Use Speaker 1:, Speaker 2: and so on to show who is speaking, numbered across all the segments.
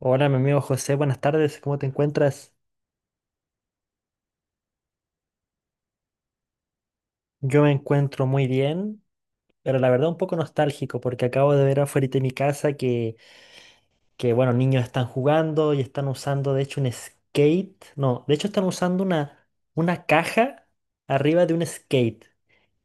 Speaker 1: Hola, mi amigo José, buenas tardes, ¿cómo te encuentras? Yo me encuentro muy bien, pero la verdad un poco nostálgico porque acabo de ver afuera de mi casa que, bueno, niños están jugando y están usando, de hecho, un skate. No, de hecho están usando una caja arriba de un skate.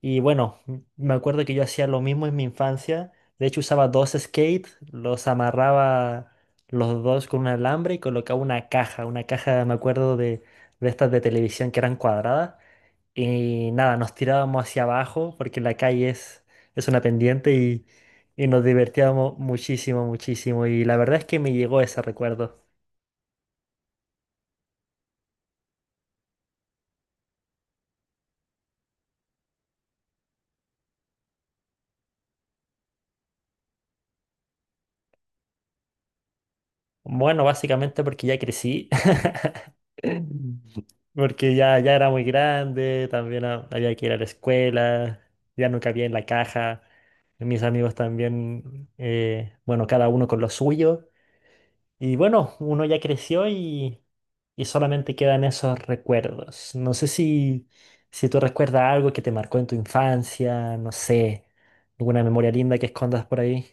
Speaker 1: Y bueno, me acuerdo que yo hacía lo mismo en mi infancia. De hecho usaba dos skates, los amarraba los dos con un alambre y colocaba una caja, me acuerdo de estas de televisión que eran cuadradas. Y nada, nos tirábamos hacia abajo porque la calle es una pendiente y nos divertíamos muchísimo, muchísimo. Y la verdad es que me llegó ese recuerdo. Bueno, básicamente porque ya crecí, porque ya era muy grande, también había que ir a la escuela, ya no cabía en la caja. Mis amigos también, bueno, cada uno con lo suyo. Y bueno, uno ya creció y solamente quedan esos recuerdos. No sé si, si tú recuerdas algo que te marcó en tu infancia, no sé, alguna memoria linda que escondas por ahí.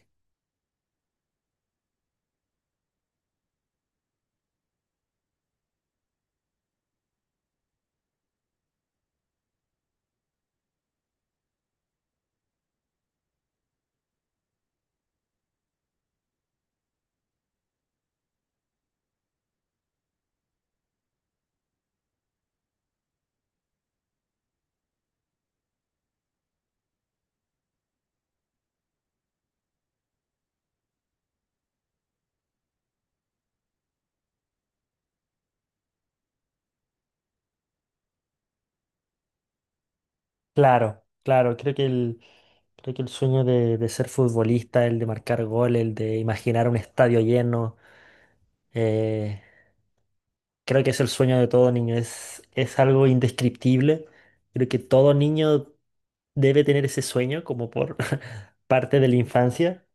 Speaker 1: Claro, claro, creo que el sueño de ser futbolista, el de marcar goles, el de imaginar un estadio lleno, eh, creo que es el sueño de todo niño, es algo indescriptible. Creo que todo niño debe tener ese sueño como por parte de la infancia.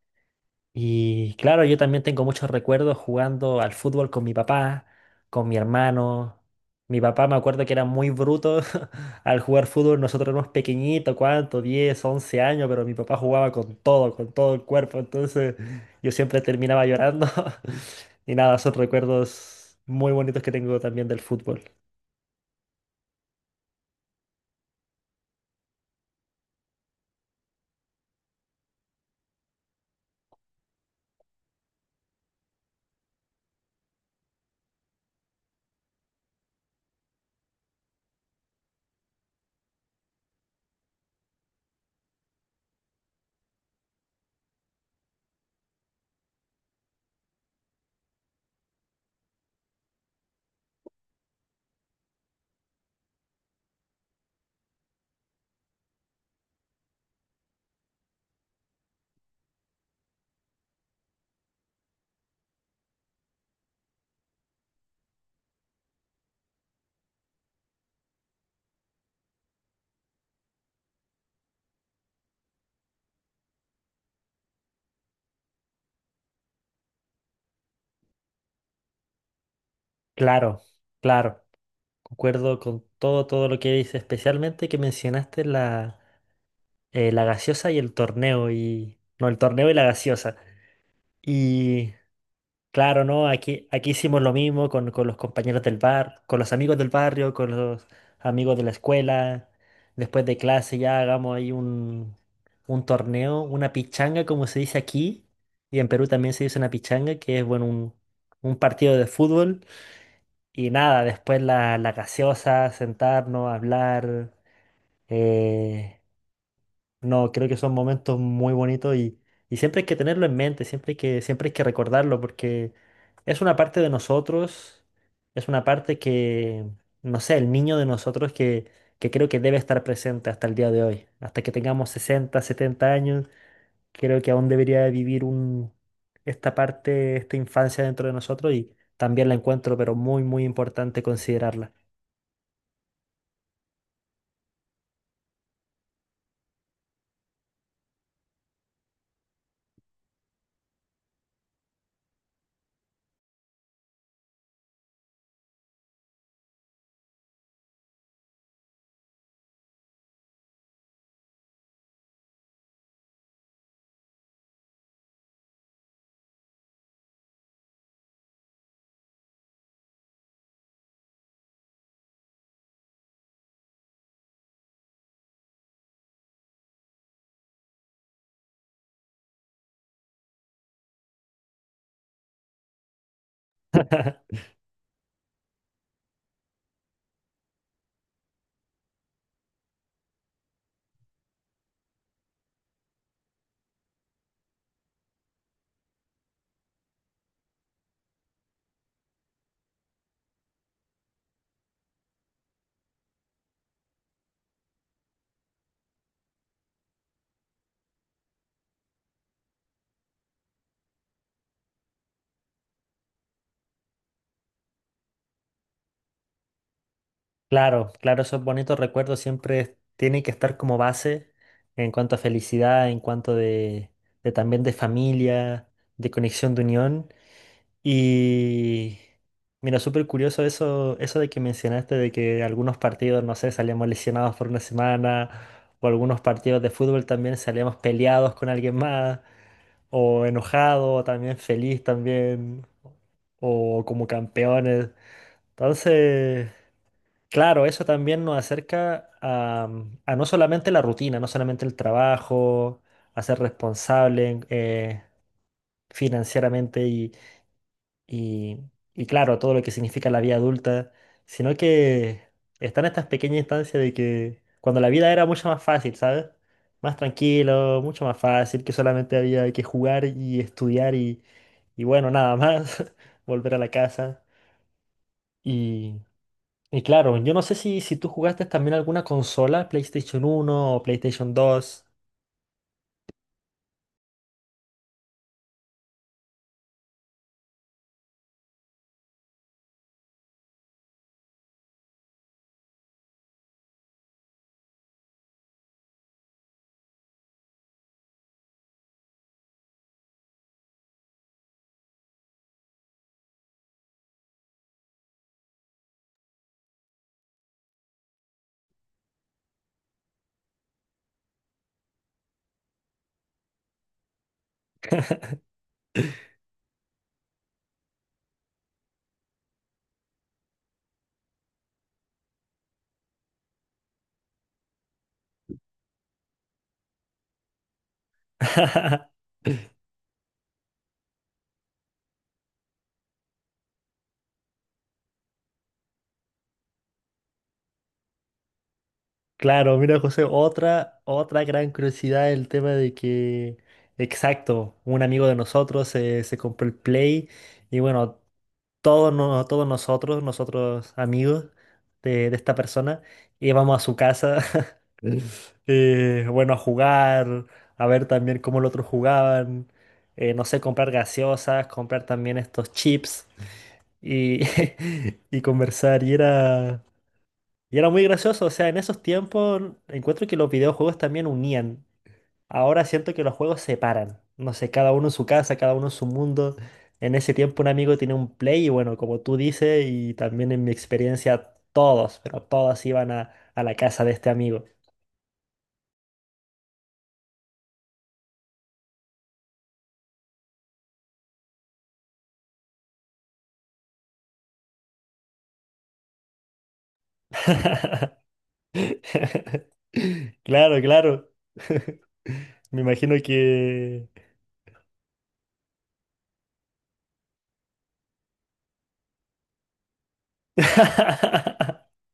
Speaker 1: Y claro, yo también tengo muchos recuerdos jugando al fútbol con mi papá, con mi hermano. Mi papá me acuerdo que era muy bruto al jugar fútbol. Nosotros éramos pequeñitos, ¿cuánto? 10 11 años, pero mi papá jugaba con todo el cuerpo. Entonces yo siempre terminaba llorando. Y nada, son recuerdos muy bonitos que tengo también del fútbol. Claro, claro. Concuerdo con todo, todo lo que dices, especialmente que mencionaste la la gaseosa y el torneo y no, el torneo y la gaseosa. Y claro, ¿no? Aquí hicimos lo mismo con los compañeros del bar, con los amigos del barrio, con los amigos de la escuela. Después de clase ya hagamos ahí un torneo, una pichanga, como se dice aquí. Y en Perú también se dice una pichanga, que es, bueno, un partido de fútbol. Y nada, después la gaseosa, sentarnos, hablar. eh, No, creo que son momentos muy bonitos y siempre hay que tenerlo en mente, siempre hay que recordarlo porque es una parte de nosotros, es una parte que, no sé, el niño de nosotros que creo que debe estar presente hasta el día de hoy, hasta que tengamos 60, 70 años, creo que aún debería vivir esta parte, esta infancia dentro de nosotros y también la encuentro, pero muy, muy importante considerarla. Claro, claro, esos bonitos recuerdos siempre tienen que estar como base en cuanto a felicidad, en cuanto de también de familia, de conexión, de unión. Y mira, súper curioso eso de que mencionaste de que algunos partidos, no sé, salíamos lesionados por una semana, o algunos partidos de fútbol también salíamos peleados con alguien más, o enojado, o también feliz también, o como campeones. Entonces... Claro, eso también nos acerca a no solamente la rutina, no solamente el trabajo, a ser responsable financieramente y, y claro, todo lo que significa la vida adulta, sino que están estas pequeñas instancias de que cuando la vida era mucho más fácil, ¿sabes? Más tranquilo, mucho más fácil, que solamente había que jugar y estudiar y bueno, nada más, volver a la casa y claro, yo no sé si, tú jugaste también alguna consola, PlayStation 1 o PlayStation 2. Claro, mira, José, otra gran curiosidad el tema de que, exacto, un amigo de nosotros se compró el Play y bueno, todos, no- todos nosotros, amigos de esta persona, íbamos a su casa, Mm. Bueno, a jugar, a ver también cómo los otros jugaban, no sé, comprar gaseosas, comprar también estos chips. Y, y conversar. Y era muy gracioso. O sea, en esos tiempos encuentro que los videojuegos también unían. Ahora siento que los juegos separan. No sé, cada uno en su casa, cada uno en su mundo. En ese tiempo un amigo tenía un Play y bueno, como tú dices, y también en mi experiencia todos, pero todos iban a la casa de este amigo. Claro, claro. Me imagino que...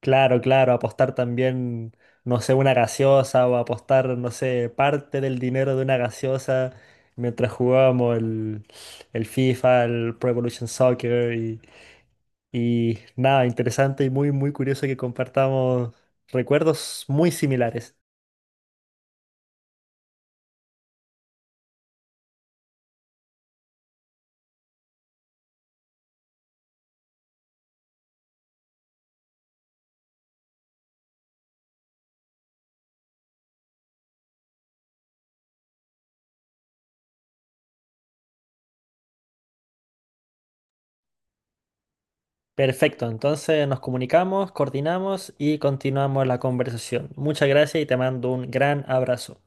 Speaker 1: Claro, claro, apostar también, no sé, una gaseosa o apostar, no sé, parte del dinero de una gaseosa mientras jugábamos el FIFA, el Pro Evolution Soccer y nada, interesante y muy, muy curioso que compartamos recuerdos muy similares. Perfecto, entonces nos comunicamos, coordinamos y continuamos la conversación. Muchas gracias y te mando un gran abrazo.